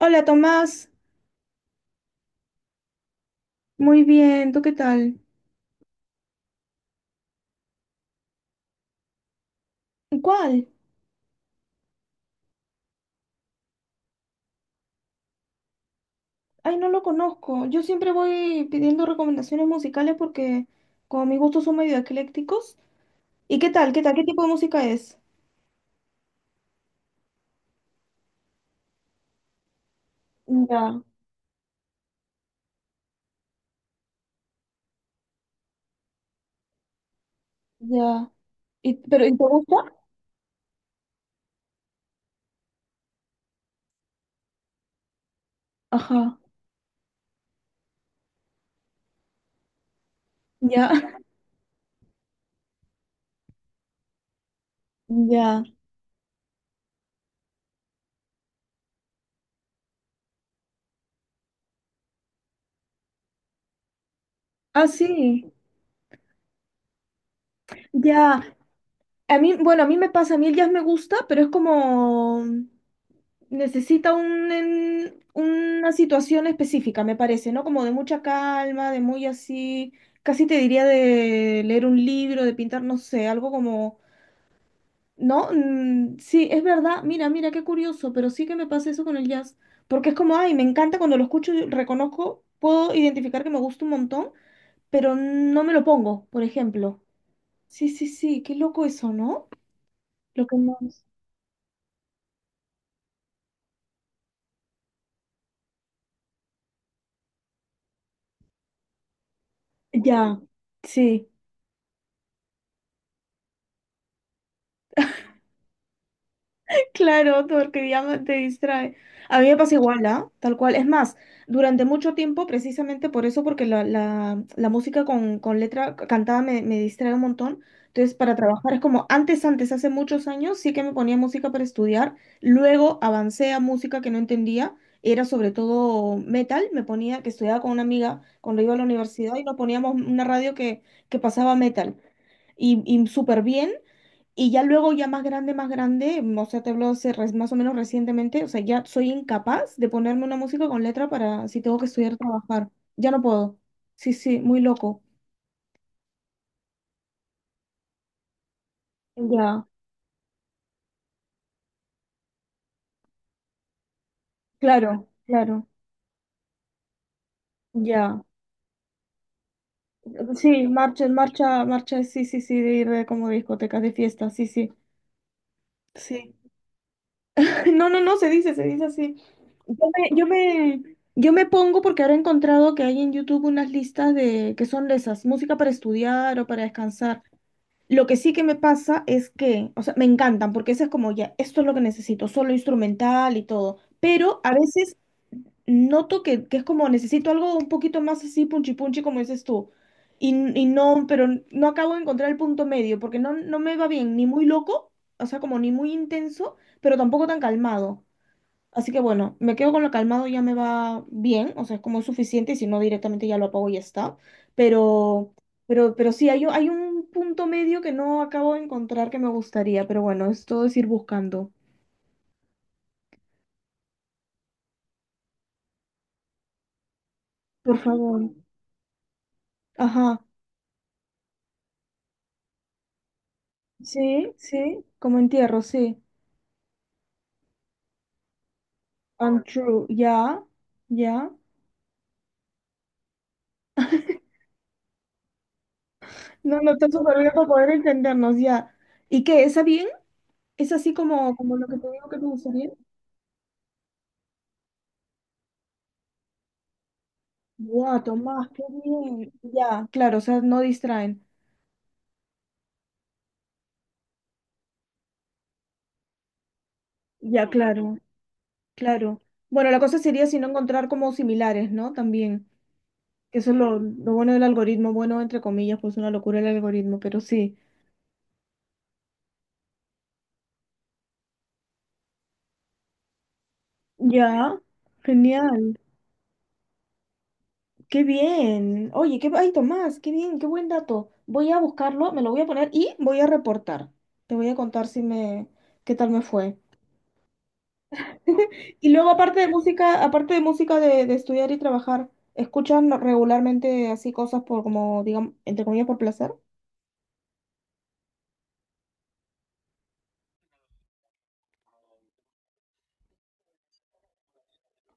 Hola Tomás, muy bien, ¿tú qué tal? ¿Cuál? Ay, no lo conozco. Yo siempre voy pidiendo recomendaciones musicales porque como mis gustos son medio eclécticos. ¿Y qué tal? ¿Qué tipo de música es? Ya, ya. Pero ¿y te gusta? Ajá. Ya, ya. Ah, sí. Ya. A mí, bueno, a mí me pasa, a mí el jazz me gusta, pero es como necesita un, una situación específica, me parece, ¿no? Como de mucha calma, de muy así, casi te diría de leer un libro, de pintar, no sé, algo como, ¿no? Sí, es verdad, mira, qué curioso, pero sí que me pasa eso con el jazz, porque es como, ay, me encanta cuando lo escucho, y reconozco, puedo identificar que me gusta un montón, pero no me lo pongo, por ejemplo. Sí, sí, sí, qué loco eso, ¿no? Lo que más... Ya, sí. Claro, porque ya no te distrae. A mí me pasa igual, ¿ah? Tal cual. Es más, durante mucho tiempo, precisamente por eso, porque la música con letra cantada me distrae un montón. Entonces, para trabajar es como antes, hace muchos años, sí que me ponía música para estudiar. Luego avancé a música que no entendía. Era sobre todo metal. Me ponía, que estudiaba con una amiga cuando iba a la universidad y nos poníamos una radio que pasaba metal. Y súper bien. Y ya luego, ya más grande, o sea, te hablo hace más o menos recientemente, o sea, ya soy incapaz de ponerme una música con letra para si tengo que estudiar, trabajar. Ya no puedo. Sí, sí, muy loco. Ya, claro, claro, ya. Sí, marcha, marcha, marcha, sí, sí, sí, de ir de como discotecas de fiesta, sí, sí, sí. No, no, no, se dice así. Yo me, yo me, yo me pongo porque ahora he encontrado que hay en YouTube unas listas de que son de esas, música para estudiar o para descansar. Lo que sí que me pasa es que, o sea, me encantan, porque eso es como ya, esto es lo que necesito, solo instrumental y todo. Pero a veces noto que es como necesito algo un poquito más así, punchi punchi, como dices tú. Y, y no, pero no acabo de encontrar el punto medio, porque no, no me va bien, ni muy loco, o sea, como ni muy intenso, pero tampoco tan calmado. Así que bueno, me quedo con lo calmado, ya me va bien, o sea, es como es suficiente, y si no directamente ya lo apago y ya está. Pero, pero sí, hay, hay un punto medio que no acabo de encontrar que me gustaría, pero bueno, es todo es ir buscando. Por favor. Ajá. Sí, sí, como entierro, sí. Untrue, ya, ya. No, no está súper bien para poder entendernos, ya. ¿Y qué? ¿Esa bien? ¿Es así como, como lo que te digo que te gustaría? Guau, Tomás, qué bien. Ya, claro, o sea, no distraen. Ya, claro, claro. Bueno, la cosa sería si no encontrar como similares, ¿no? También, que eso es lo bueno del algoritmo, bueno, entre comillas, pues una locura el algoritmo, pero sí. Ya, genial. Qué bien. Oye, qué, ay, Tomás, qué bien, qué buen dato. Voy a buscarlo, me lo voy a poner y voy a reportar. Te voy a contar si me, qué tal me fue. Y luego, aparte de música, de estudiar y trabajar, ¿escuchan regularmente así cosas por como, digamos, entre comillas, por placer?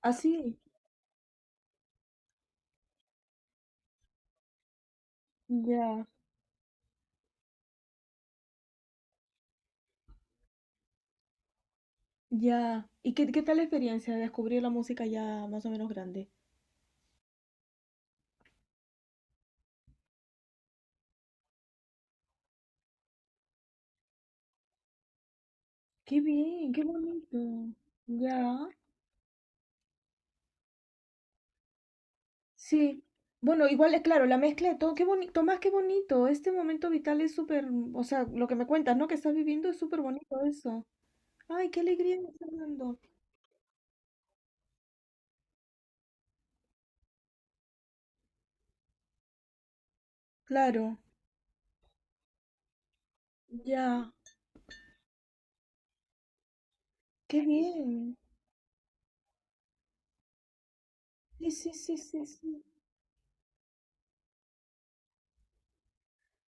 Así. Ya, ya. ¿Y qué, qué tal la experiencia de descubrir la música ya más o menos grande? Qué bien, qué bonito. Ya, sí. Bueno, igual es claro, la mezcla de todo, qué bonito, más qué bonito. Este momento vital es súper, o sea, lo que me cuentas, ¿no? Que estás viviendo es súper bonito eso. Ay, qué alegría, Fernando. Claro, ya, qué bien. Sí, sí, sí, sí, sí.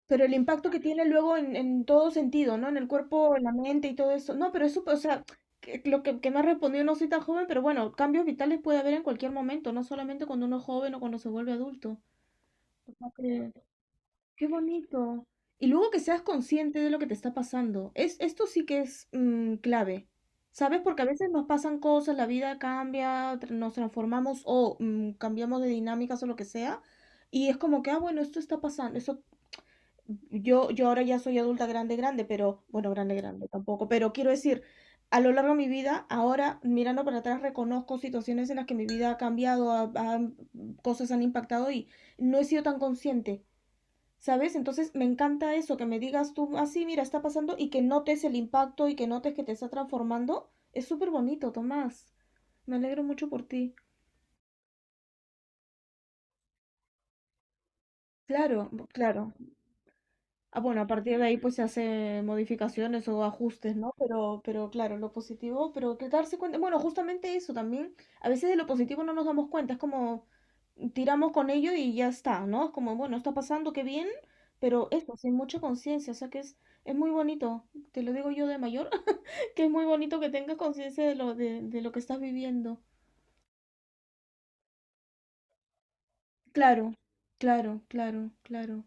Pero el impacto que tiene luego en todo sentido, ¿no? En el cuerpo, en la mente y todo eso. No, pero es súper, o sea, lo que me has respondido, no soy tan joven, pero bueno, cambios vitales puede haber en cualquier momento, no solamente cuando uno es joven o cuando se vuelve adulto. O que- Qué bonito. Y luego que seas consciente de lo que te está pasando. Es, esto sí que es clave. ¿Sabes? Porque a veces nos pasan cosas, la vida cambia, nos transformamos o cambiamos de dinámicas o lo que sea. Y es como que, ah, bueno, esto está pasando, yo ahora ya soy adulta grande, grande, pero bueno, grande, grande tampoco. Pero quiero decir, a lo largo de mi vida, ahora mirando para atrás, reconozco situaciones en las que mi vida ha cambiado, cosas han impactado y no he sido tan consciente, ¿sabes? Entonces me encanta eso, que me digas tú así, mira, está pasando y que notes el impacto y que notes que te está transformando. Es súper bonito, Tomás. Me alegro mucho por ti. Claro, claro. Ah, bueno, a partir de ahí pues se hace modificaciones o ajustes, ¿no? Pero claro, lo positivo, pero que darse cuenta, bueno, justamente eso también, a veces de lo positivo no nos damos cuenta, es como tiramos con ello y ya está, ¿no? Es como, bueno, está pasando, qué bien, pero eso, sin mucha conciencia, o sea que es muy bonito, te lo digo yo de mayor, que es muy bonito que tengas conciencia de lo que estás viviendo. Claro, claro, claro, claro.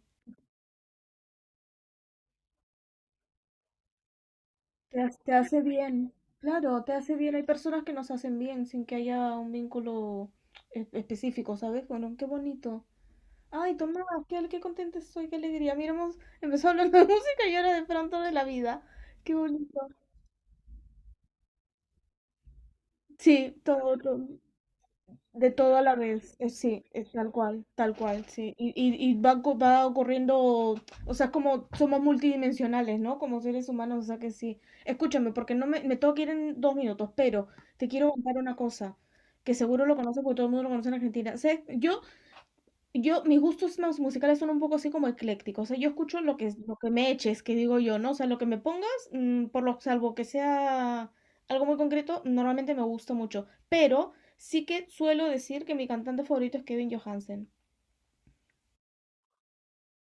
Te, te hace bien, claro, te hace bien. Hay personas que nos hacen bien sin que haya un vínculo específico, ¿sabes? Bueno, qué bonito. Ay, Tomás, qué, qué contenta estoy, qué alegría. Mira, hemos empezado hablando de música y ahora de pronto de la vida. Qué bonito. Sí, todo, todo. De todo a la vez, sí, es tal cual, sí. Y va, va ocurriendo, o sea, como somos multidimensionales, ¿no? Como seres humanos, o sea que sí. Escúchame, porque no me, me tengo que ir en dos minutos, pero te quiero contar una cosa, que seguro lo conoces porque todo el mundo lo conoce en Argentina. ¿Sabes? Yo mis gustos más musicales son un poco así como eclécticos, o sea, yo escucho lo que me eches, que digo yo, ¿no? O sea, lo que me pongas, por lo salvo que sea algo muy concreto, normalmente me gusta mucho, pero sí que suelo decir que mi cantante favorito es Kevin Johansen.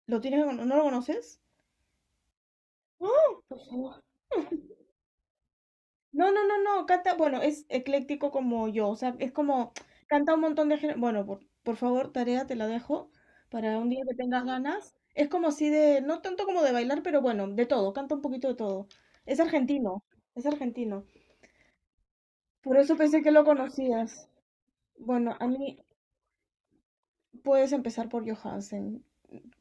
¿Lo tienes, no lo conoces? ¡Ah! Por favor. No, no, no, no, canta, bueno, es ecléctico como yo, o sea, es como canta un montón de géneros. Bueno, por favor, tarea te la dejo para un día que tengas ganas. Es como así de, no tanto como de bailar, pero bueno, de todo, canta un poquito de todo. Es argentino, es argentino. Por eso pensé que lo conocías. Bueno, a mí puedes empezar por Johansen.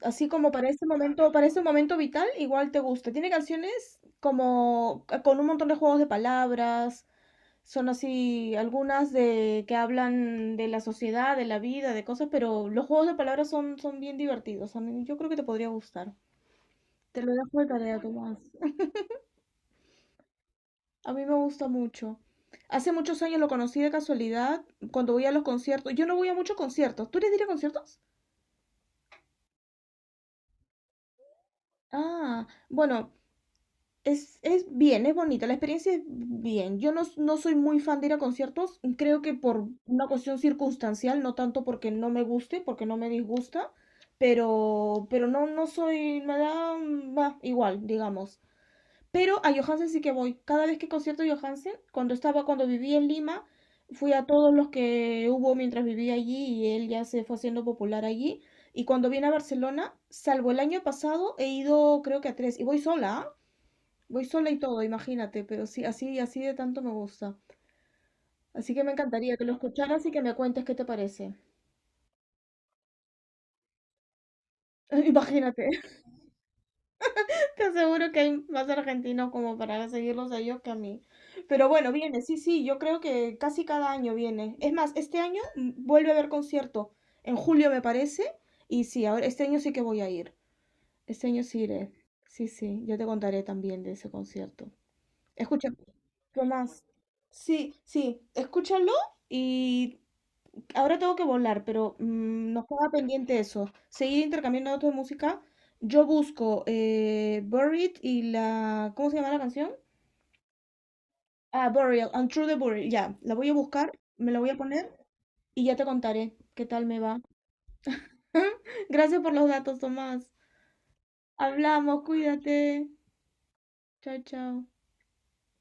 Así como para para este momento vital, igual te gusta. Tiene canciones como con un montón de juegos de palabras son así algunas de que hablan de la sociedad, de la vida, de cosas, pero los juegos de palabras son, son bien divertidos. Yo creo que te podría gustar. Te lo dejo de tarea, Tomás. A mí me gusta mucho. Hace muchos años lo conocí de casualidad cuando voy a los conciertos. Yo no voy a muchos conciertos. ¿Tú eres de ir a conciertos? Ah, bueno, es bien, es bonita, la experiencia es bien. Yo no, no soy muy fan de ir a conciertos, creo que por una cuestión circunstancial, no tanto porque no me guste, porque no me disgusta, pero no, no soy, me da, bah, igual, digamos. Pero a Johansen sí que voy. Cada vez que concierto de Johansen, cuando estaba, cuando vivía en Lima, fui a todos los que hubo mientras vivía allí y él ya se fue haciendo popular allí. Y cuando vine a Barcelona, salvo el año pasado, he ido creo que a tres, y voy sola, ¿ah? Voy sola y todo, imagínate, pero sí, así, así de tanto me gusta. Así que me encantaría que lo escucharas y que me cuentes qué te parece. Imagínate, te aseguro que hay más argentinos como para seguirlos a ellos que a mí. Pero bueno, viene, sí, sí, yo creo que casi cada año viene. Es más, este año vuelve a haber concierto, en julio me parece, y sí, ahora este año sí que voy a ir. Este año sí iré. Sí, sí, yo te contaré también de ese concierto. Escucha, ¿qué más? Sí, sí, escúchalo y ahora tengo que volar, pero nos queda pendiente eso. Seguir intercambiando datos de música. Yo busco Buried y la... ¿Cómo se llama la canción? Ah, Burial, Untrue the Burial. Ya, la voy a buscar, me la voy a poner y ya te contaré qué tal me va. Gracias por los datos, Tomás. Hablamos, cuídate. Chao, chao.